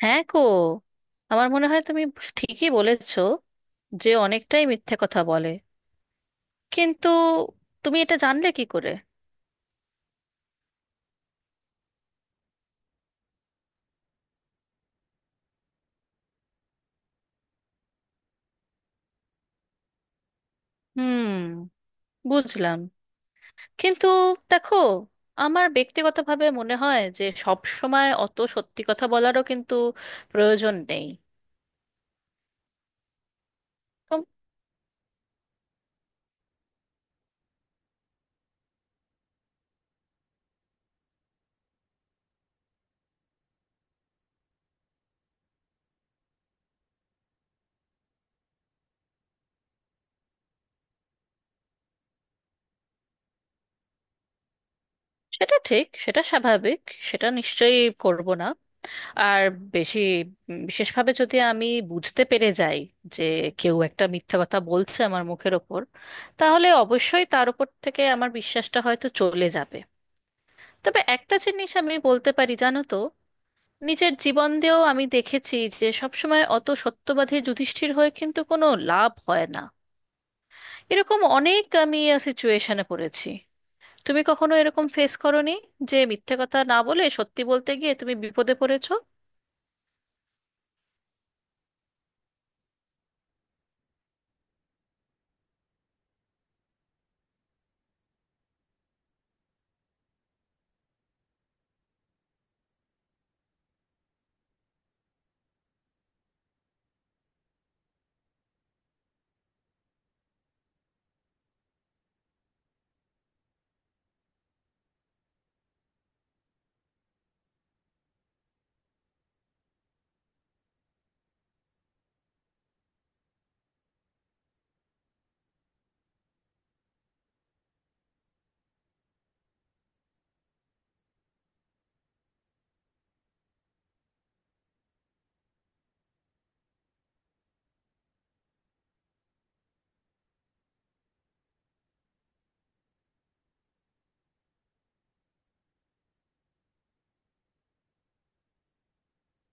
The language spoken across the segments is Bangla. হ্যাঁ গো। আমার মনে হয় তুমি ঠিকই বলেছো যে অনেকটাই মিথ্যে কথা বলে, কিন্তু তুমি এটা জানলে কি করে? হুম, বুঝলাম। কিন্তু দেখো, আমার ব্যক্তিগতভাবে মনে হয় যে সব সময় অত সত্যি কথা বলারও কিন্তু প্রয়োজন নেই। তো সেটা ঠিক, সেটা স্বাভাবিক। সেটা নিশ্চয়ই করব না। আর বেশি বিশেষভাবে যদি আমি বুঝতে পেরে যাই যে কেউ একটা মিথ্যা কথা বলছে আমার মুখের ওপর, তাহলে অবশ্যই তার উপর থেকে আমার বিশ্বাসটা হয়তো চলে যাবে। তবে একটা জিনিস আমি বলতে পারি, জানো তো, নিজের জীবন দিয়েও আমি দেখেছি যে সবসময় অত সত্যবাদী যুধিষ্ঠির হয়ে কিন্তু কোনো লাভ হয় না। এরকম অনেক আমি সিচুয়েশনে পড়েছি। তুমি কখনো এরকম ফেস করোনি যে মিথ্যে কথা না বলে সত্যি বলতে গিয়ে তুমি বিপদে পড়েছো?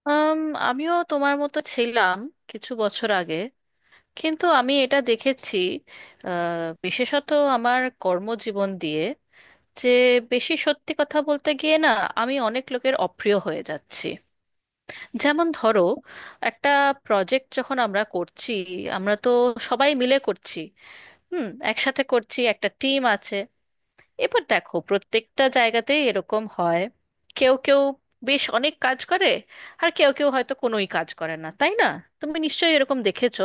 আম, আমিও তোমার মতো ছিলাম কিছু বছর আগে। কিন্তু আমি এটা দেখেছি, আহ, বিশেষত আমার কর্মজীবন দিয়ে, যে বেশি সত্যি কথা বলতে গিয়ে না আমি অনেক লোকের অপ্রিয় হয়ে যাচ্ছি। যেমন ধরো, একটা প্রজেক্ট যখন আমরা করছি, আমরা তো সবাই মিলে করছি, হুম, একসাথে করছি, একটা টিম আছে। এবার দেখো, প্রত্যেকটা জায়গাতেই এরকম হয়। কেউ কেউ বেশ অনেক কাজ করে, আর কেউ কেউ হয়তো কোনোই কাজ করে না, তাই না? তুমি নিশ্চয়ই এরকম দেখেছো।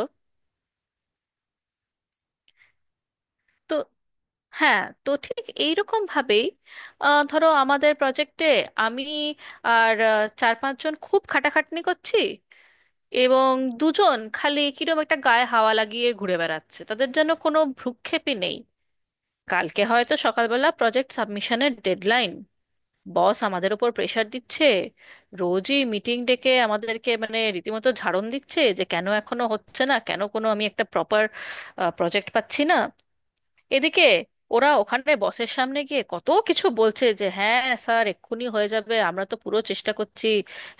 তো হ্যাঁ, তো ঠিক এইরকম ভাবেই ধরো, আমাদের প্রজেক্টে আমি আর চার পাঁচজন খুব খাটাখাটনি করছি, এবং দুজন খালি কিরম একটা গায়ে হাওয়া লাগিয়ে ঘুরে বেড়াচ্ছে, তাদের জন্য কোনো ভ্রুক্ষেপই নেই। কালকে হয়তো সকালবেলা প্রজেক্ট সাবমিশনের ডেডলাইন, বস আমাদের ওপর প্রেশার দিচ্ছে, রোজই মিটিং ডেকে আমাদেরকে মানে রীতিমতো ঝাড়ন দিচ্ছে যে কেন এখনো হচ্ছে না, কেন কোনো আমি একটা প্রপার প্রজেক্ট পাচ্ছি না। এদিকে ওরা ওখানে বসের সামনে গিয়ে কত কিছু বলছে যে হ্যাঁ স্যার, এক্ষুনি হয়ে যাবে, আমরা তো পুরো চেষ্টা করছি,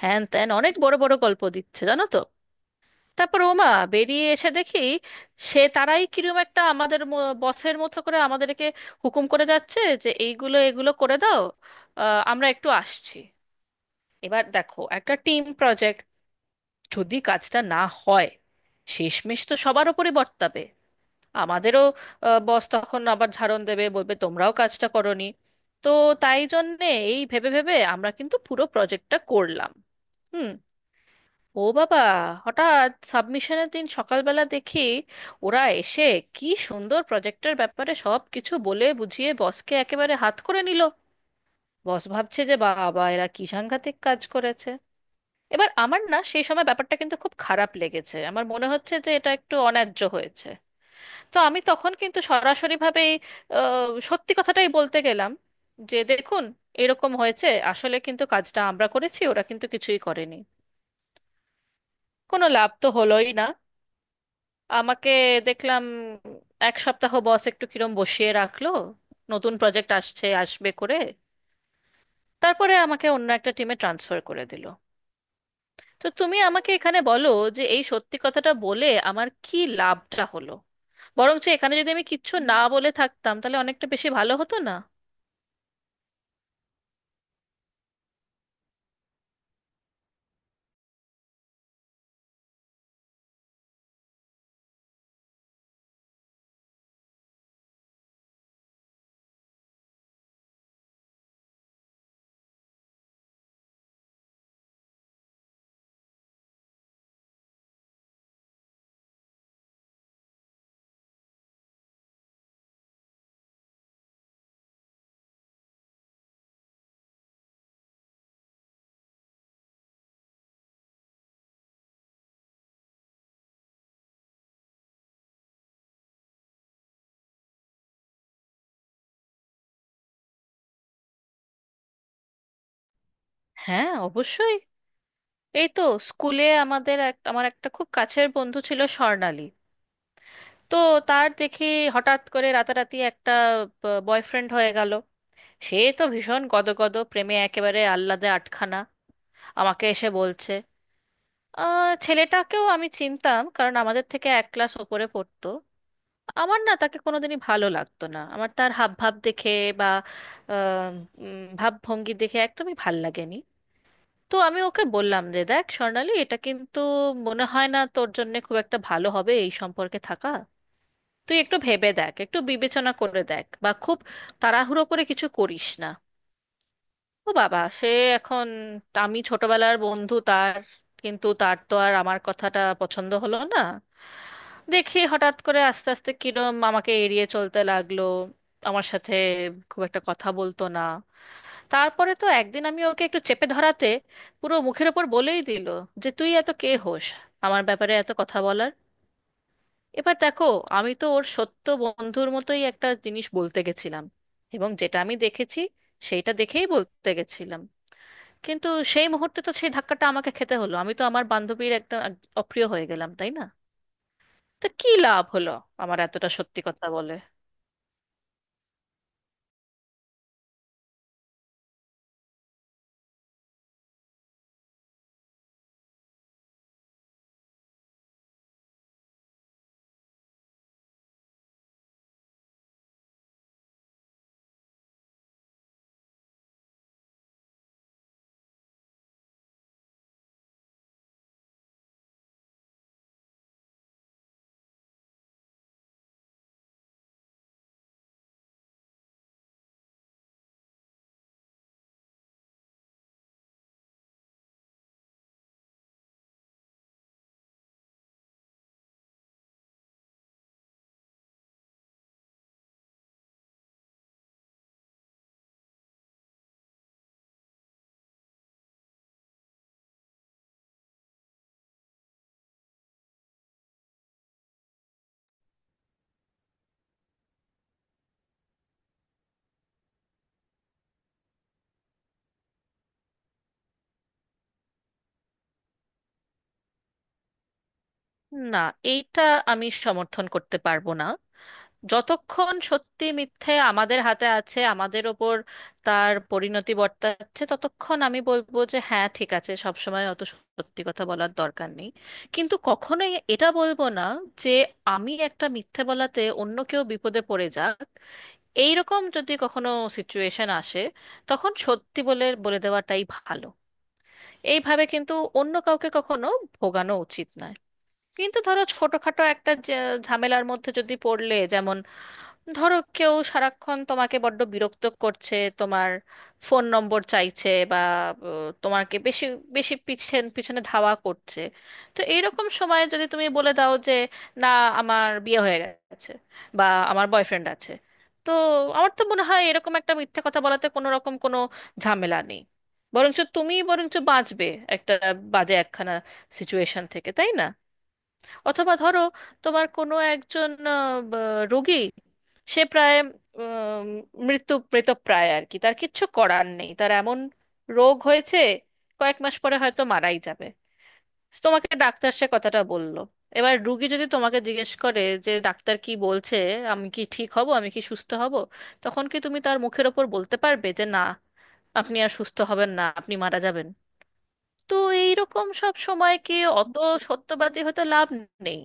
হ্যান ত্যান অনেক বড় বড় গল্প দিচ্ছে, জানো তো। তারপর ওমা, বেরিয়ে এসে দেখি সে তারাই কিরম একটা আমাদের বসের মতো করে আমাদেরকে হুকুম করে যাচ্ছে যে এইগুলো এগুলো করে দাও, আমরা একটু আসছি। এবার দেখো, একটা টিম প্রজেক্ট, যদি কাজটা না হয় শেষমেশ তো সবার ওপরই বর্তাবে, আমাদেরও। বস তখন আবার ঝাড়ন দেবে, বলবে তোমরাও কাজটা করোনি। তো তাই জন্যে এই ভেবে ভেবে আমরা কিন্তু পুরো প্রজেক্টটা করলাম। হুম। ও বাবা, হঠাৎ সাবমিশনের দিন সকালবেলা দেখি ওরা এসে কি সুন্দর প্রজেক্টের ব্যাপারে সব কিছু বলে বুঝিয়ে বসকে একেবারে হাত করে নিল। বস ভাবছে যে বাবা, এরা কি সাংঘাতিক কাজ করেছে। এবার আমার না সেই সময় ব্যাপারটা কিন্তু খুব খারাপ লেগেছে, আমার মনে হচ্ছে যে এটা একটু অন্যায্য হয়েছে। তো আমি তখন কিন্তু সরাসরিভাবেই সত্যি কথাটাই বলতে গেলাম যে দেখুন, এরকম হয়েছে, আসলে কিন্তু কাজটা আমরা করেছি, ওরা কিন্তু কিছুই করেনি। কোনো লাভ তো হলোই না। আমাকে দেখলাম এক সপ্তাহ বস একটু কিরম বসিয়ে রাখলো, নতুন প্রজেক্ট আসছে আসবে করে, তারপরে আমাকে অন্য একটা টিমে ট্রান্সফার করে দিল। তো তুমি আমাকে এখানে বলো যে এই সত্যি কথাটা বলে আমার কি লাভটা হলো? বরঞ্চ এখানে যদি আমি কিচ্ছু না বলে থাকতাম তাহলে অনেকটা বেশি ভালো হতো না? হ্যাঁ অবশ্যই। এই তো স্কুলে আমাদের এক আমার একটা খুব কাছের বন্ধু ছিল, স্বর্ণালী। তো তার দেখি হঠাৎ করে রাতারাতি একটা বয়ফ্রেন্ড হয়ে গেল। সে তো ভীষণ গদগদ প্রেমে, একেবারে আহ্লাদে আটখানা, আমাকে এসে বলছে। ছেলেটাকেও আমি চিনতাম, কারণ আমাদের থেকে এক ক্লাস ওপরে পড়তো। আমার না তাকে কোনোদিনই ভালো লাগতো না, আমার তার হাবভাব দেখে বা আহ, ভাবভঙ্গি দেখে একদমই ভাল লাগেনি। তো আমি ওকে বললাম যে দেখ স্বর্ণালী, এটা কিন্তু মনে হয় না তোর জন্য খুব একটা ভালো হবে এই সম্পর্কে থাকা। তুই একটু ভেবে দেখ, একটু বিবেচনা করে দেখ, বা খুব তাড়াহুড়ো করে কিছু করিস না। ও বাবা, সে এখন আমি ছোটবেলার বন্ধু তার, কিন্তু তার তো আর আমার কথাটা পছন্দ হলো না। দেখি হঠাৎ করে আস্তে আস্তে কিরম আমাকে এড়িয়ে চলতে লাগলো, আমার সাথে খুব একটা কথা বলতো না। তারপরে তো একদিন আমি ওকে একটু চেপে ধরাতে পুরো মুখের ওপর বলেই দিল যে তুই এত কে হোস আমার ব্যাপারে এত কথা বলার? এবার দেখো, আমি তো ওর সত্য বন্ধুর মতোই একটা জিনিস বলতে গেছিলাম, এবং যেটা আমি দেখেছি সেইটা দেখেই বলতে গেছিলাম, কিন্তু সেই মুহূর্তে তো সেই ধাক্কাটা আমাকে খেতে হলো। আমি তো আমার বান্ধবীর একটা অপ্রিয় হয়ে গেলাম, তাই না? তো কি লাভ হলো আমার এতটা সত্যি কথা বলে? না, এইটা আমি সমর্থন করতে পারবো না। যতক্ষণ সত্যি মিথ্যে আমাদের হাতে আছে, আমাদের ওপর তার পরিণতি বর্তাচ্ছে, ততক্ষণ আমি বলবো যে হ্যাঁ ঠিক আছে, সব সময় অত সত্যি কথা বলার দরকার নেই। কিন্তু কখনোই এটা বলবো না যে আমি একটা মিথ্যে বলাতে অন্য কেউ বিপদে পড়ে যাক। এইরকম যদি কখনো সিচুয়েশন আসে, তখন সত্যি বলে বলে দেওয়াটাই ভালো। এইভাবে কিন্তু অন্য কাউকে কখনো ভোগানো উচিত নয়। কিন্তু ধরো ছোটখাটো একটা ঝামেলার মধ্যে যদি পড়লে, যেমন ধরো কেউ সারাক্ষণ তোমাকে বড্ড বিরক্ত করছে, তোমার ফোন নম্বর চাইছে, বা তোমাকে বেশি বেশি পিছন পিছনে ধাওয়া করছে। তো এইরকম সময়ে যদি তুমি বলে দাও যে না, আমার বিয়ে হয়ে গেছে, বা আমার বয়ফ্রেন্ড আছে, তো আমার তো মনে হয় এরকম একটা মিথ্যে কথা বলাতে কোনো রকম কোনো ঝামেলা নেই। বরঞ্চ তুমি বরঞ্চ বাঁচবে একটা বাজে একখানা সিচুয়েশন থেকে, তাই না? অথবা ধরো তোমার কোনো একজন রোগী, সে প্রায় উম, মৃত্যু প্রায় আর কি, তার কিচ্ছু করার নেই, তার এমন রোগ হয়েছে, কয়েক মাস পরে হয়তো মারাই যাবে। তোমাকে ডাক্তার সে কথাটা বললো। এবার রুগী যদি তোমাকে জিজ্ঞেস করে যে ডাক্তার কি বলছে, আমি কি ঠিক হব, আমি কি সুস্থ হব, তখন কি তুমি তার মুখের ওপর বলতে পারবে যে না, আপনি আর সুস্থ হবেন না, আপনি মারা যাবেন? তো এইরকম সব সময়কে অত সত্যবাদী হতে লাভ নেই।